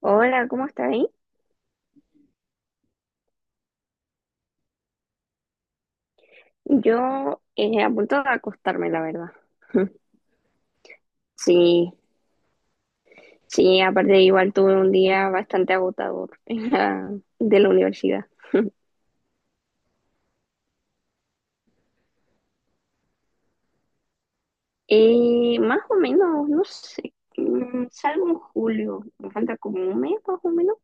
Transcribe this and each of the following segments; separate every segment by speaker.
Speaker 1: Hola, ¿cómo está ahí? Yo a punto de acostarme, la verdad. Sí, sí, aparte igual tuve un día bastante agotador de la universidad. Más o menos, no sé, salgo en julio, me falta como un mes más o menos.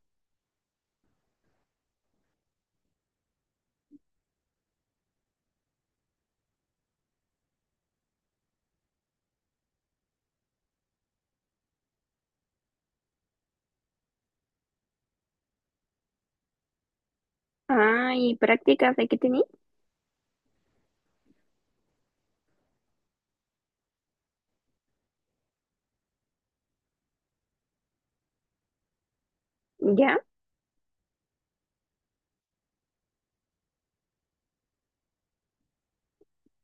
Speaker 1: Ah, ¿y prácticas de qué tenía? Ya,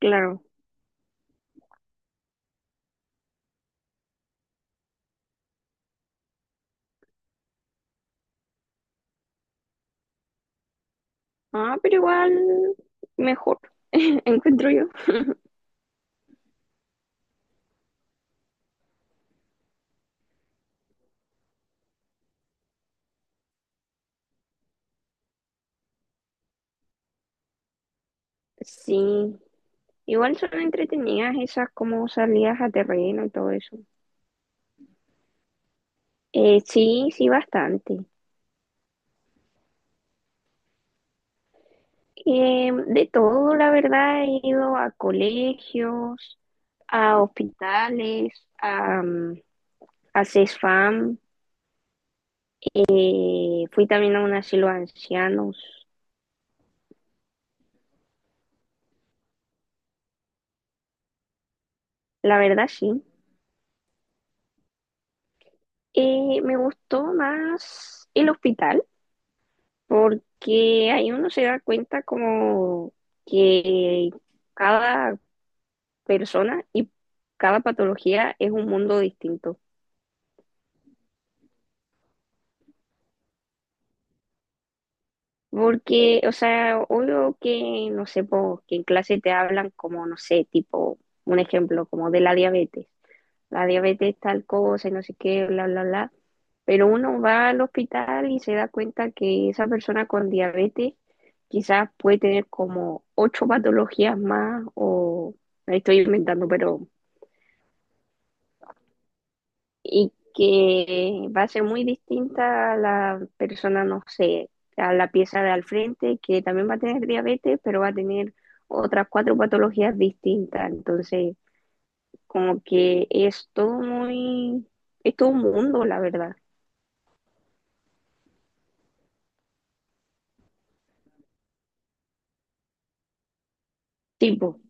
Speaker 1: claro. Ah, pero igual mejor, encuentro yo. Sí, igual son entretenidas esas como salidas a terreno y todo eso. Sí, sí, bastante. De todo, la verdad, he ido a colegios, a hospitales, a, mm, a CESFAM, fui también a un asilo de ancianos. La verdad, sí. Me gustó más el hospital porque ahí uno se da cuenta como que cada persona y cada patología es un mundo distinto. Porque, o sea, obvio que, no sé, po, que en clase te hablan como, no sé, tipo, un ejemplo, como de la diabetes. La diabetes tal cosa y no sé qué, bla, bla, bla. Pero uno va al hospital y se da cuenta que esa persona con diabetes quizás puede tener como ocho patologías más o, me estoy inventando, pero y que va a ser muy distinta a la persona, no sé, a la pieza de al frente, que también va a tener diabetes, pero va a tener otras cuatro patologías distintas. Entonces, como que es todo muy, es todo un mundo, la verdad. Tipo,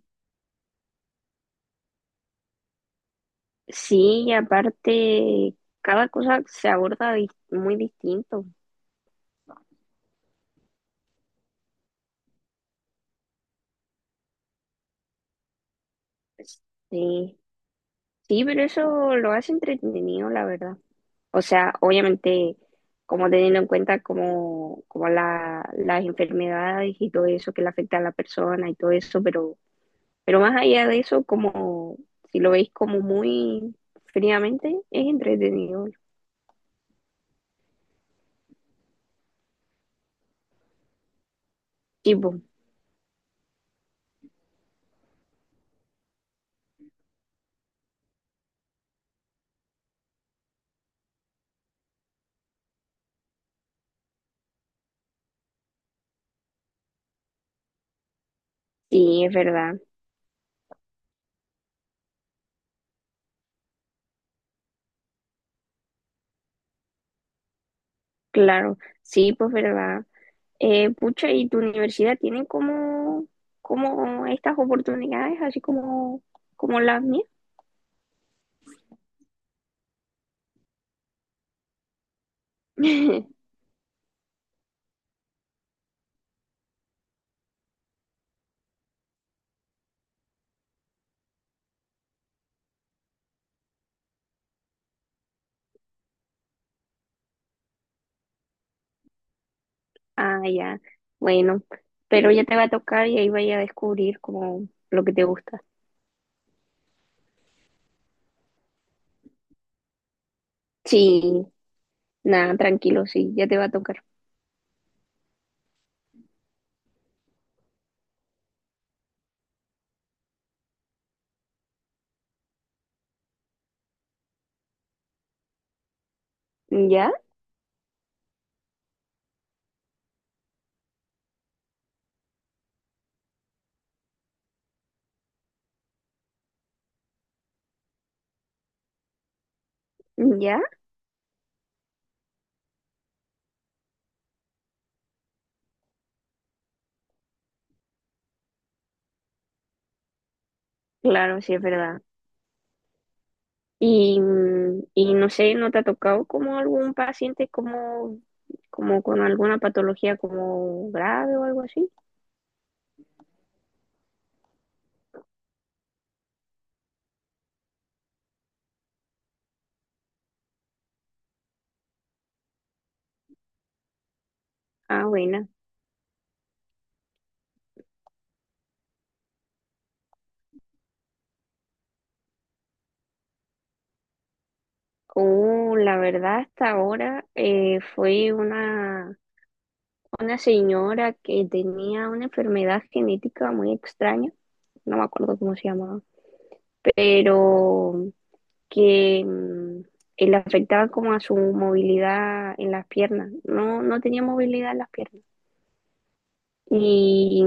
Speaker 1: sí, y aparte, cada cosa se aborda muy distinto. Sí, sí, pero eso lo hace entretenido, la verdad. O sea, obviamente, como teniendo en cuenta como, las enfermedades y todo eso que le afecta a la persona y todo eso, pero más allá de eso, como si lo veis como muy fríamente, es entretenido. Sí pues, sí, es verdad, claro, sí, pues verdad. Pucha, ¿y tu universidad tiene como, como estas oportunidades, así como, las mías? Ah, ya. Bueno, pero ya te va a tocar y ahí vaya a descubrir como lo que te gusta. Sí, nada, tranquilo, sí, ya te va a tocar. ¿Ya? ¿Ya? Claro, sí, es verdad. Y no sé, ¿no te ha tocado como algún paciente como, con alguna patología como grave o algo así? Ah, buena. Oh, la verdad, hasta ahora fue una señora que tenía una enfermedad genética muy extraña no me acuerdo cómo se llamaba, pero que le afectaba como a su movilidad en las piernas. No, no tenía movilidad en las piernas. Y,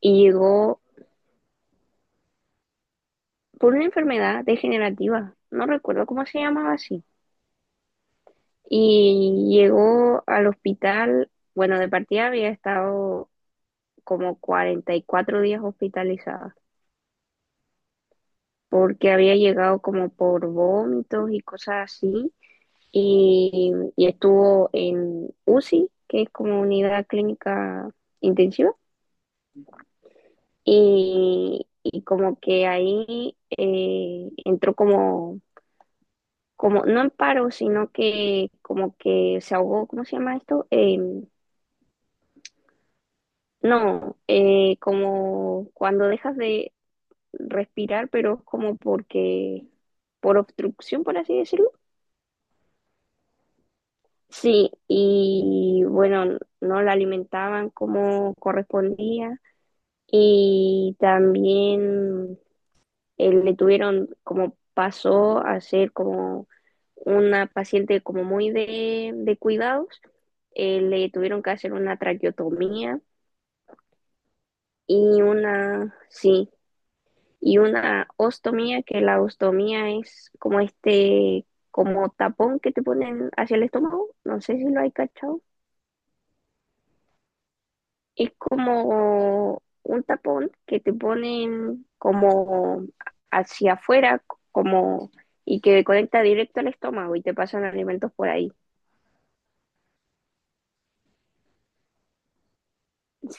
Speaker 1: y llegó por una enfermedad degenerativa, no recuerdo cómo se llamaba así. Y llegó al hospital, bueno, de partida había estado como 44 días hospitalizada porque había llegado como por vómitos y cosas así y estuvo en UCI, que es como unidad clínica intensiva, y como que ahí entró como, no en paro, sino que como que se ahogó, ¿cómo se llama esto? No, como cuando dejas de respirar, pero es como porque, por obstrucción, por así decirlo. Sí, y bueno, no la alimentaban como correspondía. Y también le tuvieron como pasó a ser como una paciente como muy de cuidados, le tuvieron que hacer una traqueotomía y una, sí, y una ostomía, que la ostomía es como este, como tapón que te ponen hacia el estómago, no sé si lo hay cachado. Es como un tapón que te ponen como hacia afuera, como y que conecta directo al estómago y te pasan alimentos por ahí.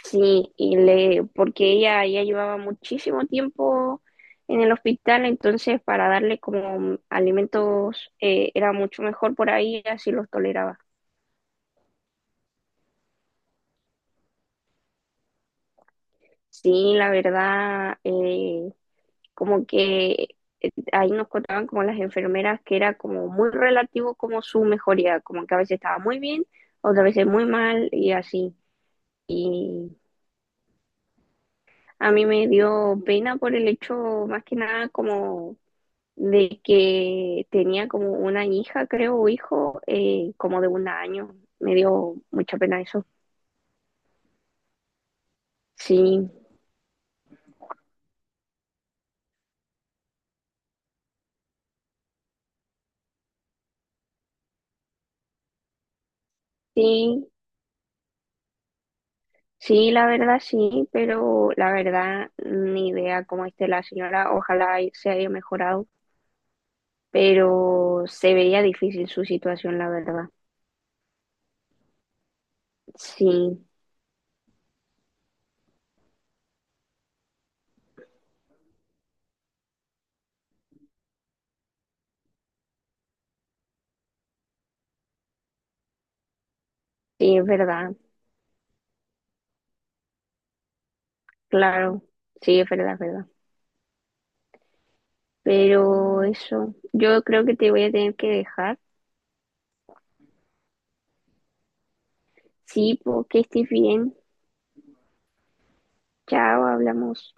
Speaker 1: Sí, y le, porque ella ya llevaba muchísimo tiempo en el hospital, entonces para darle como alimentos era mucho mejor por ahí, así los toleraba. Sí, la verdad, como que ahí nos contaban como las enfermeras que era como muy relativo como su mejoría, como que a veces estaba muy bien, otras veces muy mal y así. Y a mí me dio pena por el hecho más que nada como de que tenía como una hija, creo, o hijo, como de un año. Me dio mucha pena eso. Sí, sí, sí, la verdad sí, pero la verdad ni idea cómo esté la señora. Ojalá y se haya mejorado. Pero se veía difícil su situación, la verdad. Sí, sí, es verdad, claro, sí, es verdad, es verdad. Pero eso, yo creo que te voy a tener que dejar. Sí, porque estés bien. Chao, hablamos.